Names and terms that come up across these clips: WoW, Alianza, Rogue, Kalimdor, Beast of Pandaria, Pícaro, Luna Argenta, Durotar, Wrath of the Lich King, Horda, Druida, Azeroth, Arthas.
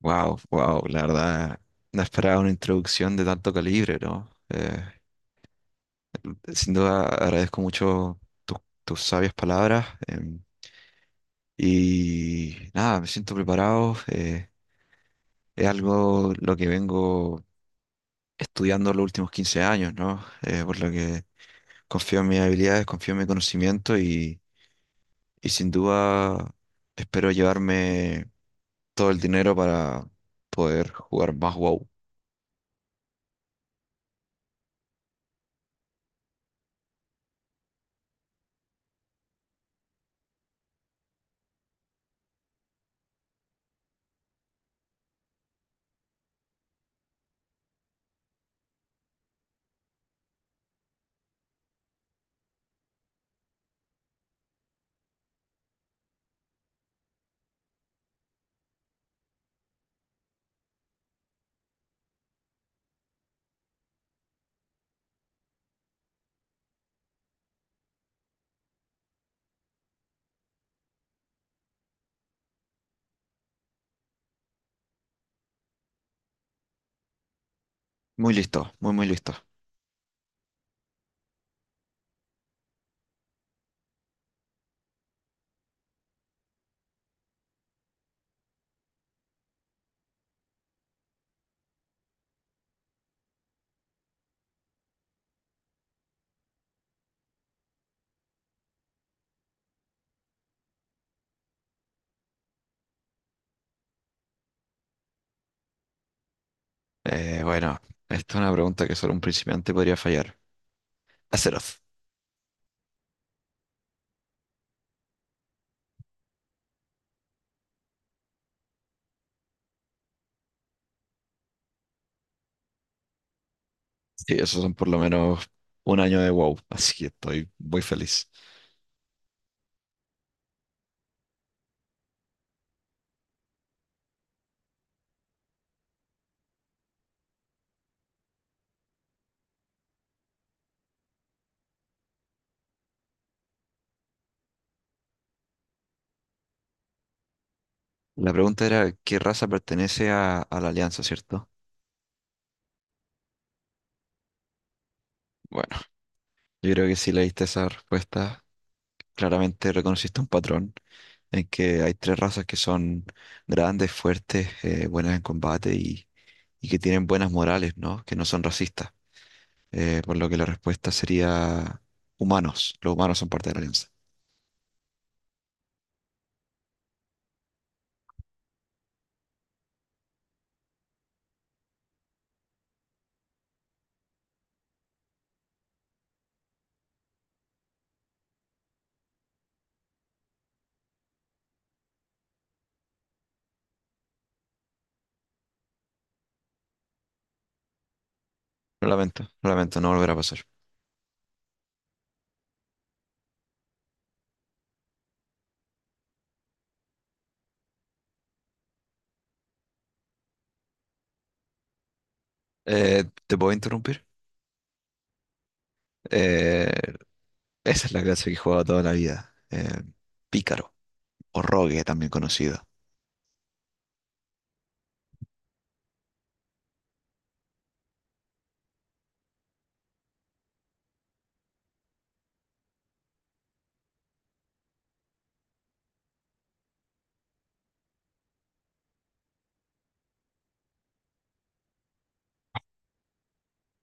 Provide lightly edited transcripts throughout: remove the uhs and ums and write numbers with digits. Wow, wow, la verdad, no esperaba una introducción de tanto calibre, ¿no? Sin duda agradezco mucho tus tus sabias palabras. Y nada, me siento preparado. Es algo lo que vengo estudiando los últimos 15 años, ¿no? Por lo que confío en mis habilidades, confío en mi conocimiento y sin duda espero llevarme todo el dinero para poder jugar más WoW. Muy listo, muy, muy listo. Bueno, esta es una pregunta que solo un principiante podría fallar. Azeroth. Sí, esos son por lo menos un año de WoW, así que estoy muy feliz. La pregunta era, ¿qué raza pertenece a la Alianza, cierto? Bueno, yo creo que si leíste esa respuesta, claramente reconociste un patrón en que hay tres razas que son grandes, fuertes, buenas en combate y que tienen buenas morales, ¿no? Que no son racistas. Por lo que la respuesta sería humanos. Los humanos son parte de la Alianza. Lamento, lamento, no volverá a pasar. ¿Te puedo interrumpir? Eh, esa es la clase que he jugado toda la vida. Pícaro, o Rogue, también conocido.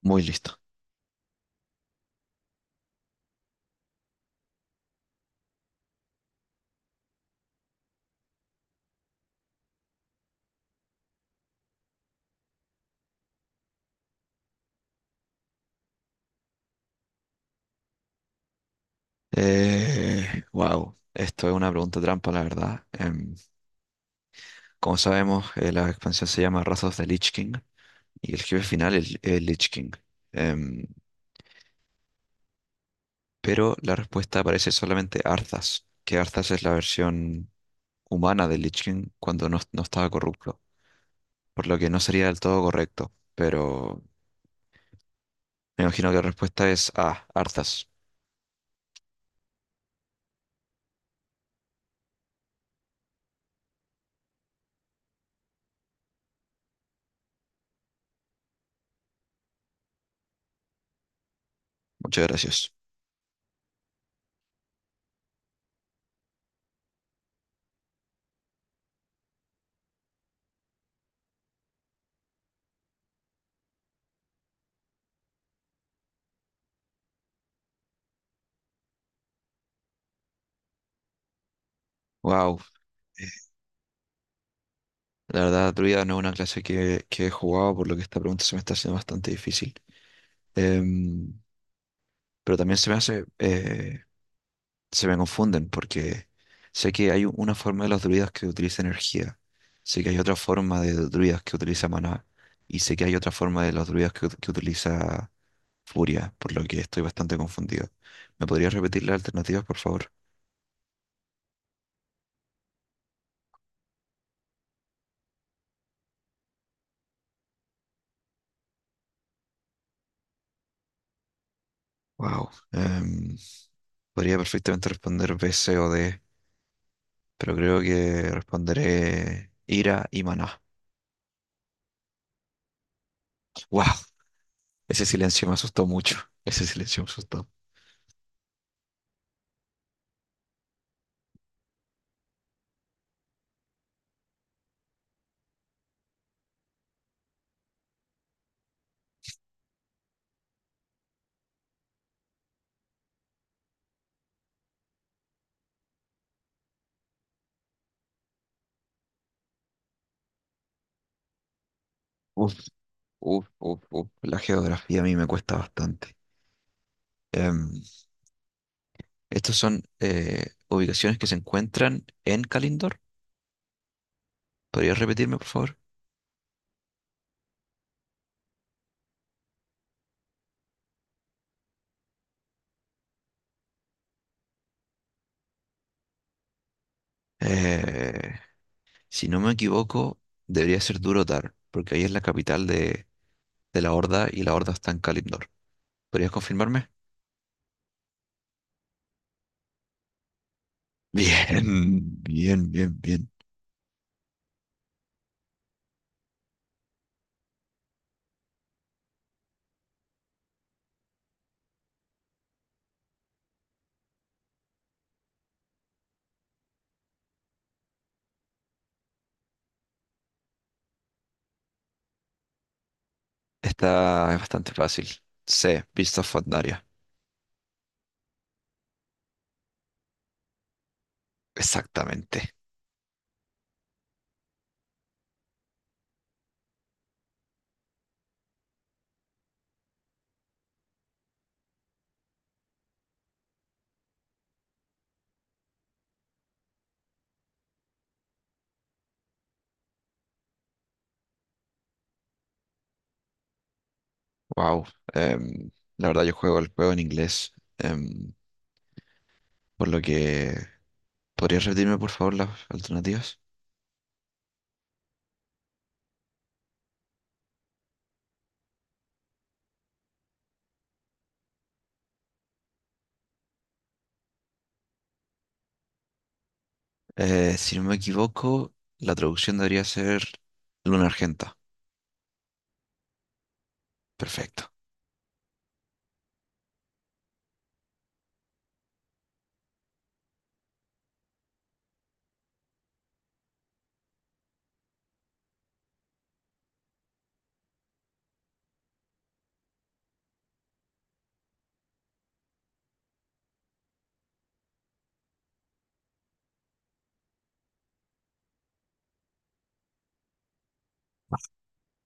Muy listo. Wow, esto es una pregunta trampa, la verdad. Como sabemos, la expansión se llama Wrath of the Lich King y el jefe final es el Lich King. Em, pero la respuesta aparece solamente Arthas, que Arthas es la versión humana del Lich King cuando no, no estaba corrupto, por lo que no sería del todo correcto. Pero me imagino que la respuesta es A, Arthas. Muchas gracias. Wow, la verdad, Druida no es una clase que he jugado, por lo que esta pregunta se me está haciendo bastante difícil. Em, pero también se me hace. Se me confunden porque sé que hay una forma de los druidas que utiliza energía, sé que hay otra forma de druidas que utiliza maná y sé que hay otra forma de los druidas que utiliza furia, por lo que estoy bastante confundido. ¿Me podrías repetir las alternativas, por favor? Wow, podría perfectamente responder B, C o D, pero creo que responderé ira y maná. Wow. Ese silencio me asustó mucho. Ese silencio me asustó. Uf, uf, uf, uf. La geografía a mí me cuesta bastante. Em, Estas son ubicaciones que se encuentran en Kalindor. ¿Podrías repetirme, por favor? Eh, si no me equivoco, debería ser Durotar, porque ahí es la capital de la Horda y la Horda está en Kalindor. ¿Podrías confirmarme? Bien, bien, bien, bien. Esta es bastante fácil. C, Beast of Pandaria. Exactamente. Wow. Em, la verdad, yo juego el juego en inglés, em, por lo que... ¿Podrías repetirme, por favor, las alternativas? Si no me equivoco, la traducción debería ser Luna Argenta. Perfecto.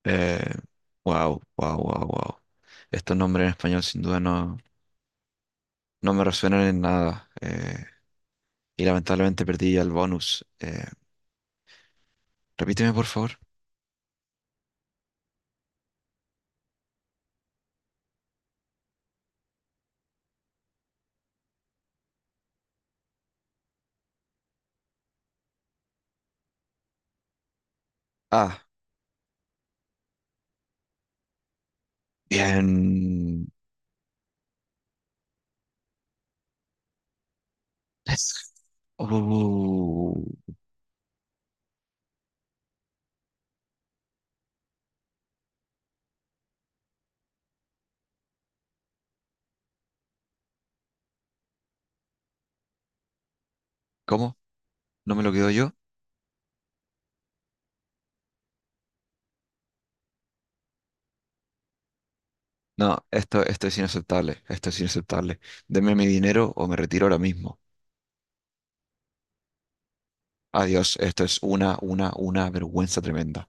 Eh, wow, wow, wow, wow. Estos nombres en español sin duda no, no me resuenan en nada. Y lamentablemente perdí el bonus. Repíteme, por favor. Ah, bien. Es- Uh, ¿cómo? ¿No me lo quedo yo? No, esto es inaceptable. Esto es inaceptable. Deme mi dinero o me retiro ahora mismo. Adiós, esto es una vergüenza tremenda.